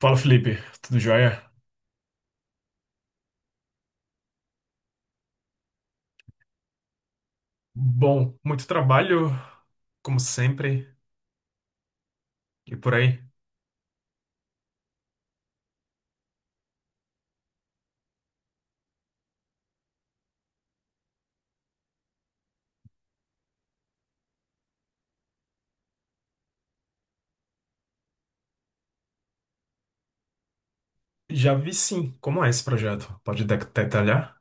Fala, Felipe. Tudo jóia? Bom, muito trabalho, como sempre, e por aí. Já vi sim como é esse projeto. Pode detalhar?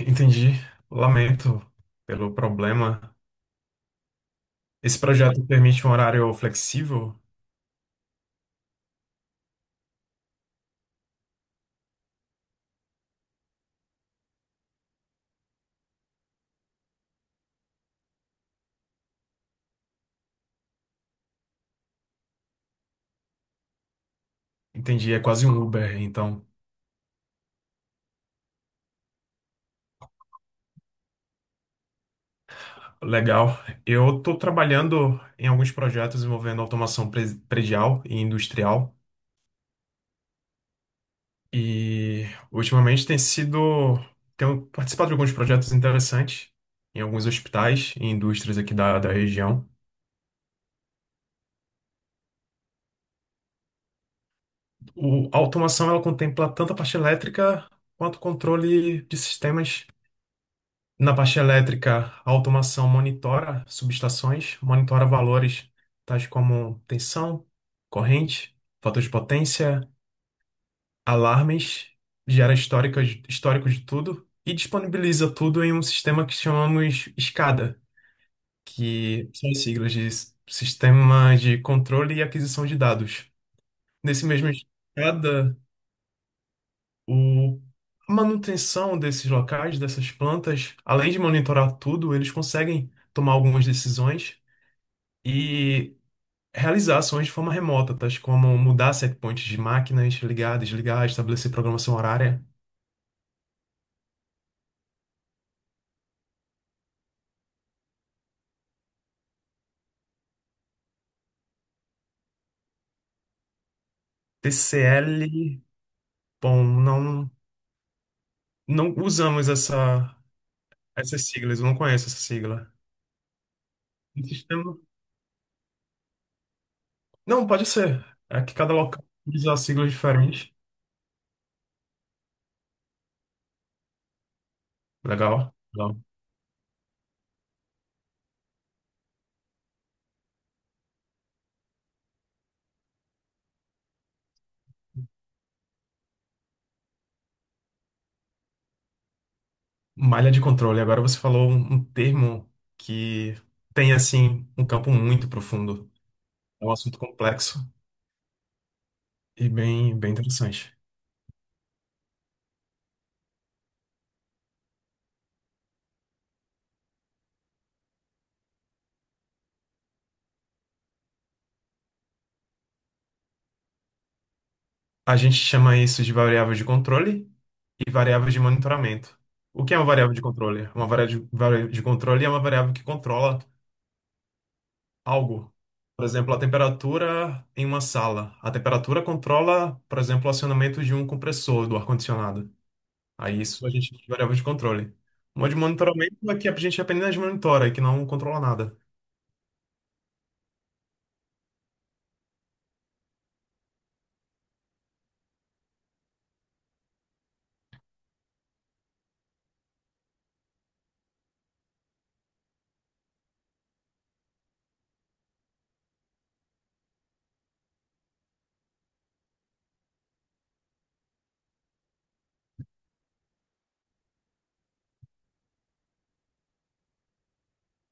Entendi. Lamento pelo problema. Esse projeto permite um horário flexível? Entendi, é quase um Uber, então. Legal. Eu estou trabalhando em alguns projetos envolvendo automação predial e industrial. E ultimamente tem sido. Tenho participado de alguns projetos interessantes em alguns hospitais e indústrias aqui da região. A automação ela contempla tanto a parte elétrica quanto o controle de sistemas. Na parte elétrica, a automação monitora subestações, monitora valores tais como tensão, corrente, fator de potência, alarmes, gera histórico de tudo e disponibiliza tudo em um sistema que chamamos SCADA, que são as siglas de Sistema de Controle e Aquisição de Dados. Nesse mesmo cada o a manutenção desses locais, dessas plantas, além de monitorar tudo, eles conseguem tomar algumas decisões e realizar ações de forma remota, tais como mudar setpoints de máquinas, ligar, desligar, estabelecer programação horária. TCL, bom, não usamos essas siglas, eu não conheço essa sigla. Não, pode ser. É que cada local usa siglas diferentes. Legal, legal. Malha de controle. Agora você falou um termo que tem, assim, um campo muito profundo. É um assunto complexo e bem, bem interessante. A gente chama isso de variável de controle e variável de monitoramento. O que é uma variável de controle? Uma variável de controle é uma variável que controla algo. Por exemplo, a temperatura em uma sala. A temperatura controla, por exemplo, o acionamento de um compressor do ar-condicionado. Aí isso a gente variável de controle. Uma de monitoramento é que a gente apenas monitora, que não controla nada.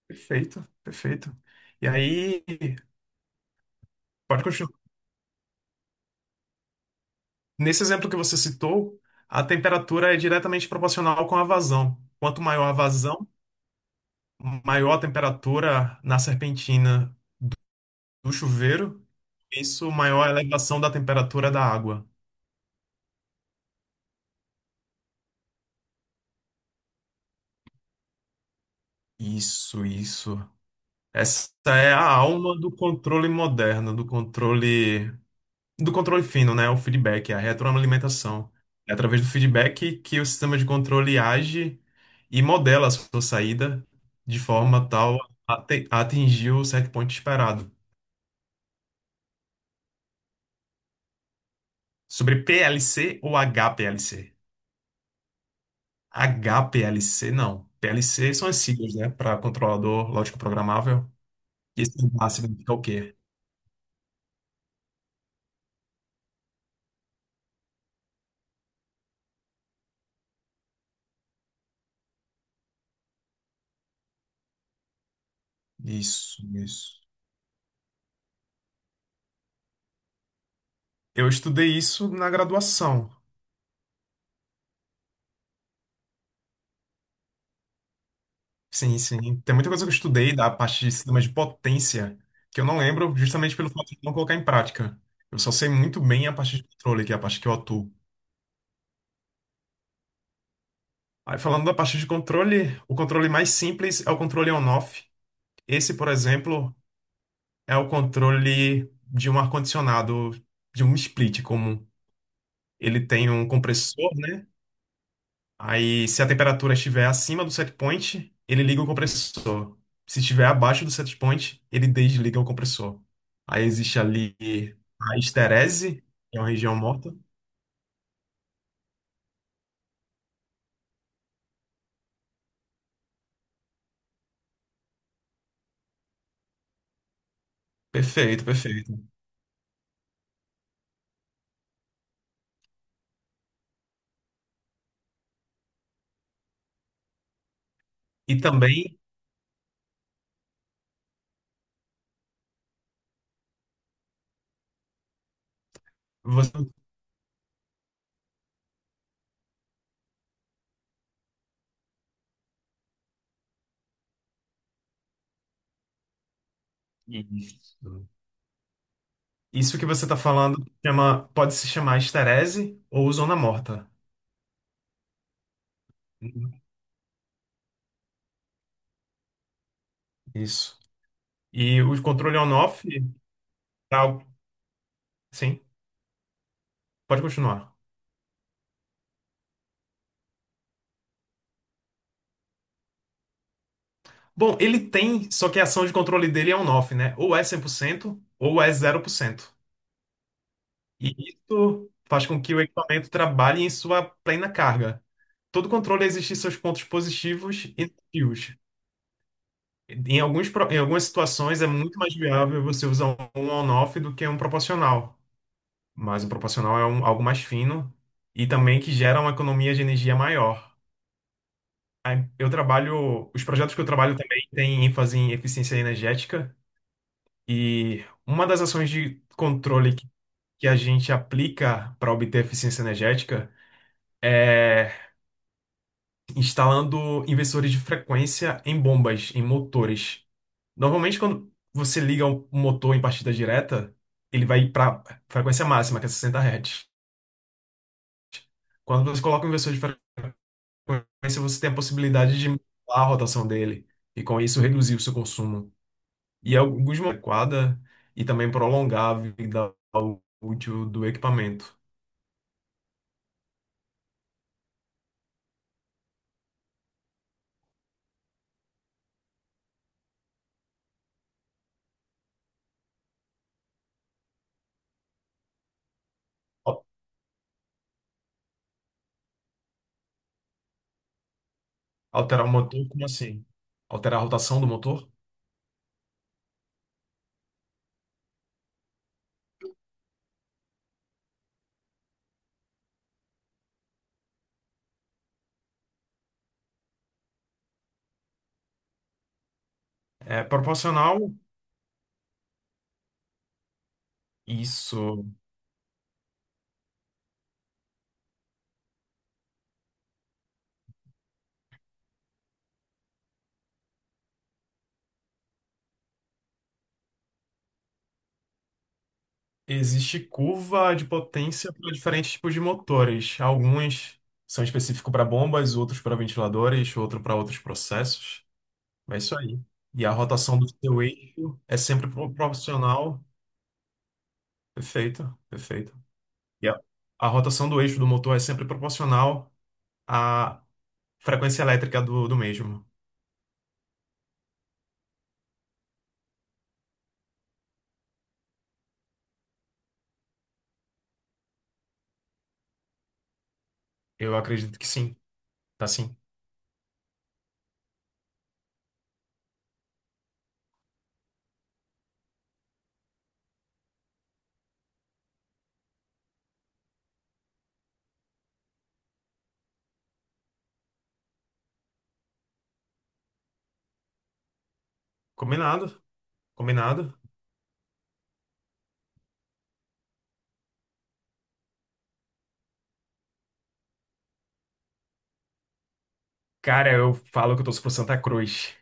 Perfeito, perfeito. E aí, pode continuar. Nesse exemplo que você citou, a temperatura é diretamente proporcional com a vazão. Quanto maior a vazão, maior a temperatura na serpentina do chuveiro, isso maior a elevação da temperatura da água. Isso, isso. Essa é a alma do controle moderno, do controle fino, né? O feedback, a retroalimentação. É através do feedback que o sistema de controle age e modela a sua saída de forma tal a atingir o set point esperado. Sobre PLC ou HPLC? HPLC não. PLC são as siglas, né? Para controlador lógico programável. E esse H significa o quê? Isso, isso. Eu estudei isso na graduação. Sim, sim. Tem muita coisa que eu estudei da parte de sistemas de potência que eu não lembro justamente pelo fato de não colocar em prática. Eu só sei muito bem a parte de controle, que é a parte que eu atuo. Aí, falando da parte de controle, o controle mais simples é o controle on-off. Esse, por exemplo, é o controle de um ar-condicionado, de um split comum. Ele tem um compressor, né? Aí, se a temperatura estiver acima do set point, ele liga o compressor. Se estiver abaixo do set point, ele desliga o compressor. Aí existe ali a esterese, que é uma região morta. Perfeito, perfeito. E também você. Isso. Isso que você está falando pode se chamar esterese ou zona morta. Isso. E o controle on-off, pra- sim, pode continuar. Bom, ele tem, só que a ação de controle dele é on-off, né? Ou é 100%, ou é 0%. E isso faz com que o equipamento trabalhe em sua plena carga. Todo controle existe seus pontos positivos e negativos. Em algumas situações é muito mais viável você usar um on-off do que um proporcional. Mas um proporcional é algo mais fino e também que gera uma economia de energia maior. Aí os projetos que eu trabalho também têm ênfase em eficiência energética. E uma das ações de controle que a gente aplica para obter eficiência energética é instalando inversores de frequência em bombas, em motores. Normalmente, quando você liga um motor em partida direta, ele vai para frequência máxima, que é 60 Hz. Quando você coloca um inversor de frequência, você tem a possibilidade de mudar a rotação dele e, com isso, reduzir o seu consumo. E é alguns momentos adequada e também prolongar a vida útil do equipamento. Alterar o motor, como assim? Alterar a rotação do motor? É proporcional. Isso. Existe curva de potência para diferentes tipos de motores. Alguns são específicos para bombas, outros para ventiladores, outro para outros processos. É isso aí. E a rotação do seu eixo é sempre proporcional. Perfeito, perfeito. E a rotação do eixo do motor é sempre proporcional à frequência elétrica do mesmo. Eu acredito que sim. Tá sim. Combinado, combinado. Cara, eu falo que eu torço pro Santa Cruz,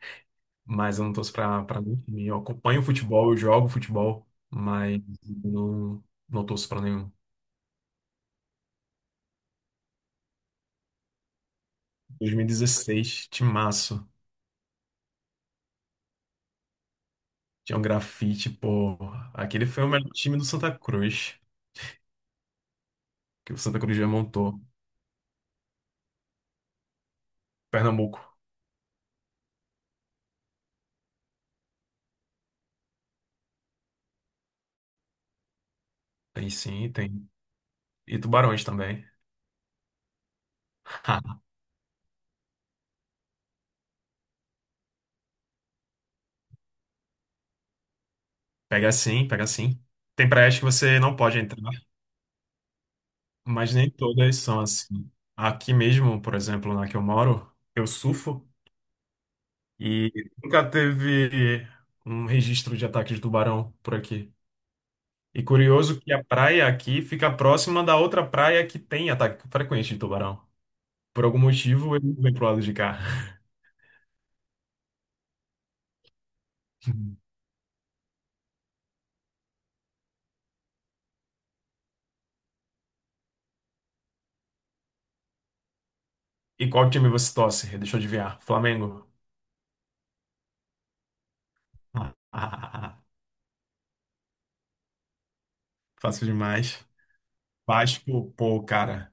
mas eu não torço pra nenhum time. Eu acompanho futebol, eu jogo futebol, mas não, não torço pra nenhum. 2016, timaço. Tinha um grafite, pô. Aquele foi o melhor time do Santa Cruz, que o Santa Cruz já montou. Pernambuco. Aí sim, tem. E tubarões também. Pega sim, pega sim. Tem praias que você não pode entrar, mas nem todas são assim. Aqui mesmo, por exemplo, na que eu moro, eu surfo. E nunca teve um registro de ataque de tubarão por aqui. E curioso que a praia aqui fica próxima da outra praia que tem ataque frequente de tubarão. Por algum motivo, ele vem pro lado de cá. E qual time você torce? Deixa eu adivinhar. Flamengo. Ah, fácil demais. Vasco, pô, cara,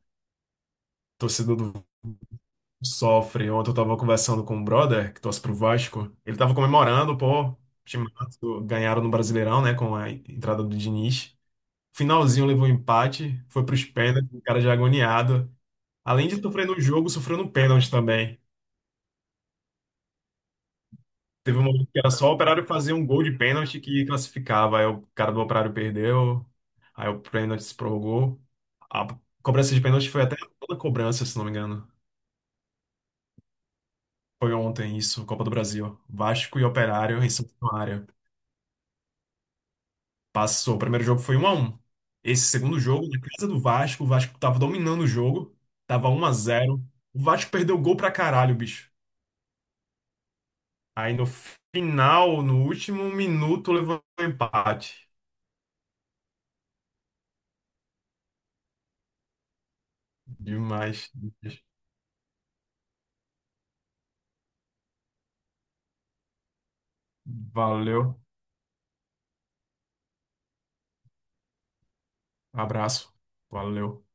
torcedor do Vasco sofre. Ontem eu tava conversando com um brother que torce pro Vasco. Ele tava comemorando, pô, o time ganharam no Brasileirão, né, com a entrada do Diniz. Finalzinho levou um empate, foi para os pênaltis, o cara já agoniado. Além de sofrer no jogo, sofreu no pênalti também. Teve um momento que era só o Operário fazer um gol de pênalti que classificava. Aí o cara do Operário perdeu, aí o pênalti se prorrogou. A cobrança de pênalti foi até toda cobrança, se não me engano. Foi ontem isso, Copa do Brasil. Vasco e Operário em Santa Maria. Passou. O primeiro jogo foi 1 a 1. Esse segundo jogo, na casa do Vasco, o Vasco tava dominando o jogo, tava 1 a 0. O Vasco perdeu o gol pra caralho, bicho. Aí no final, no último minuto, levou um empate. Demais, demais. Valeu. Abraço. Valeu.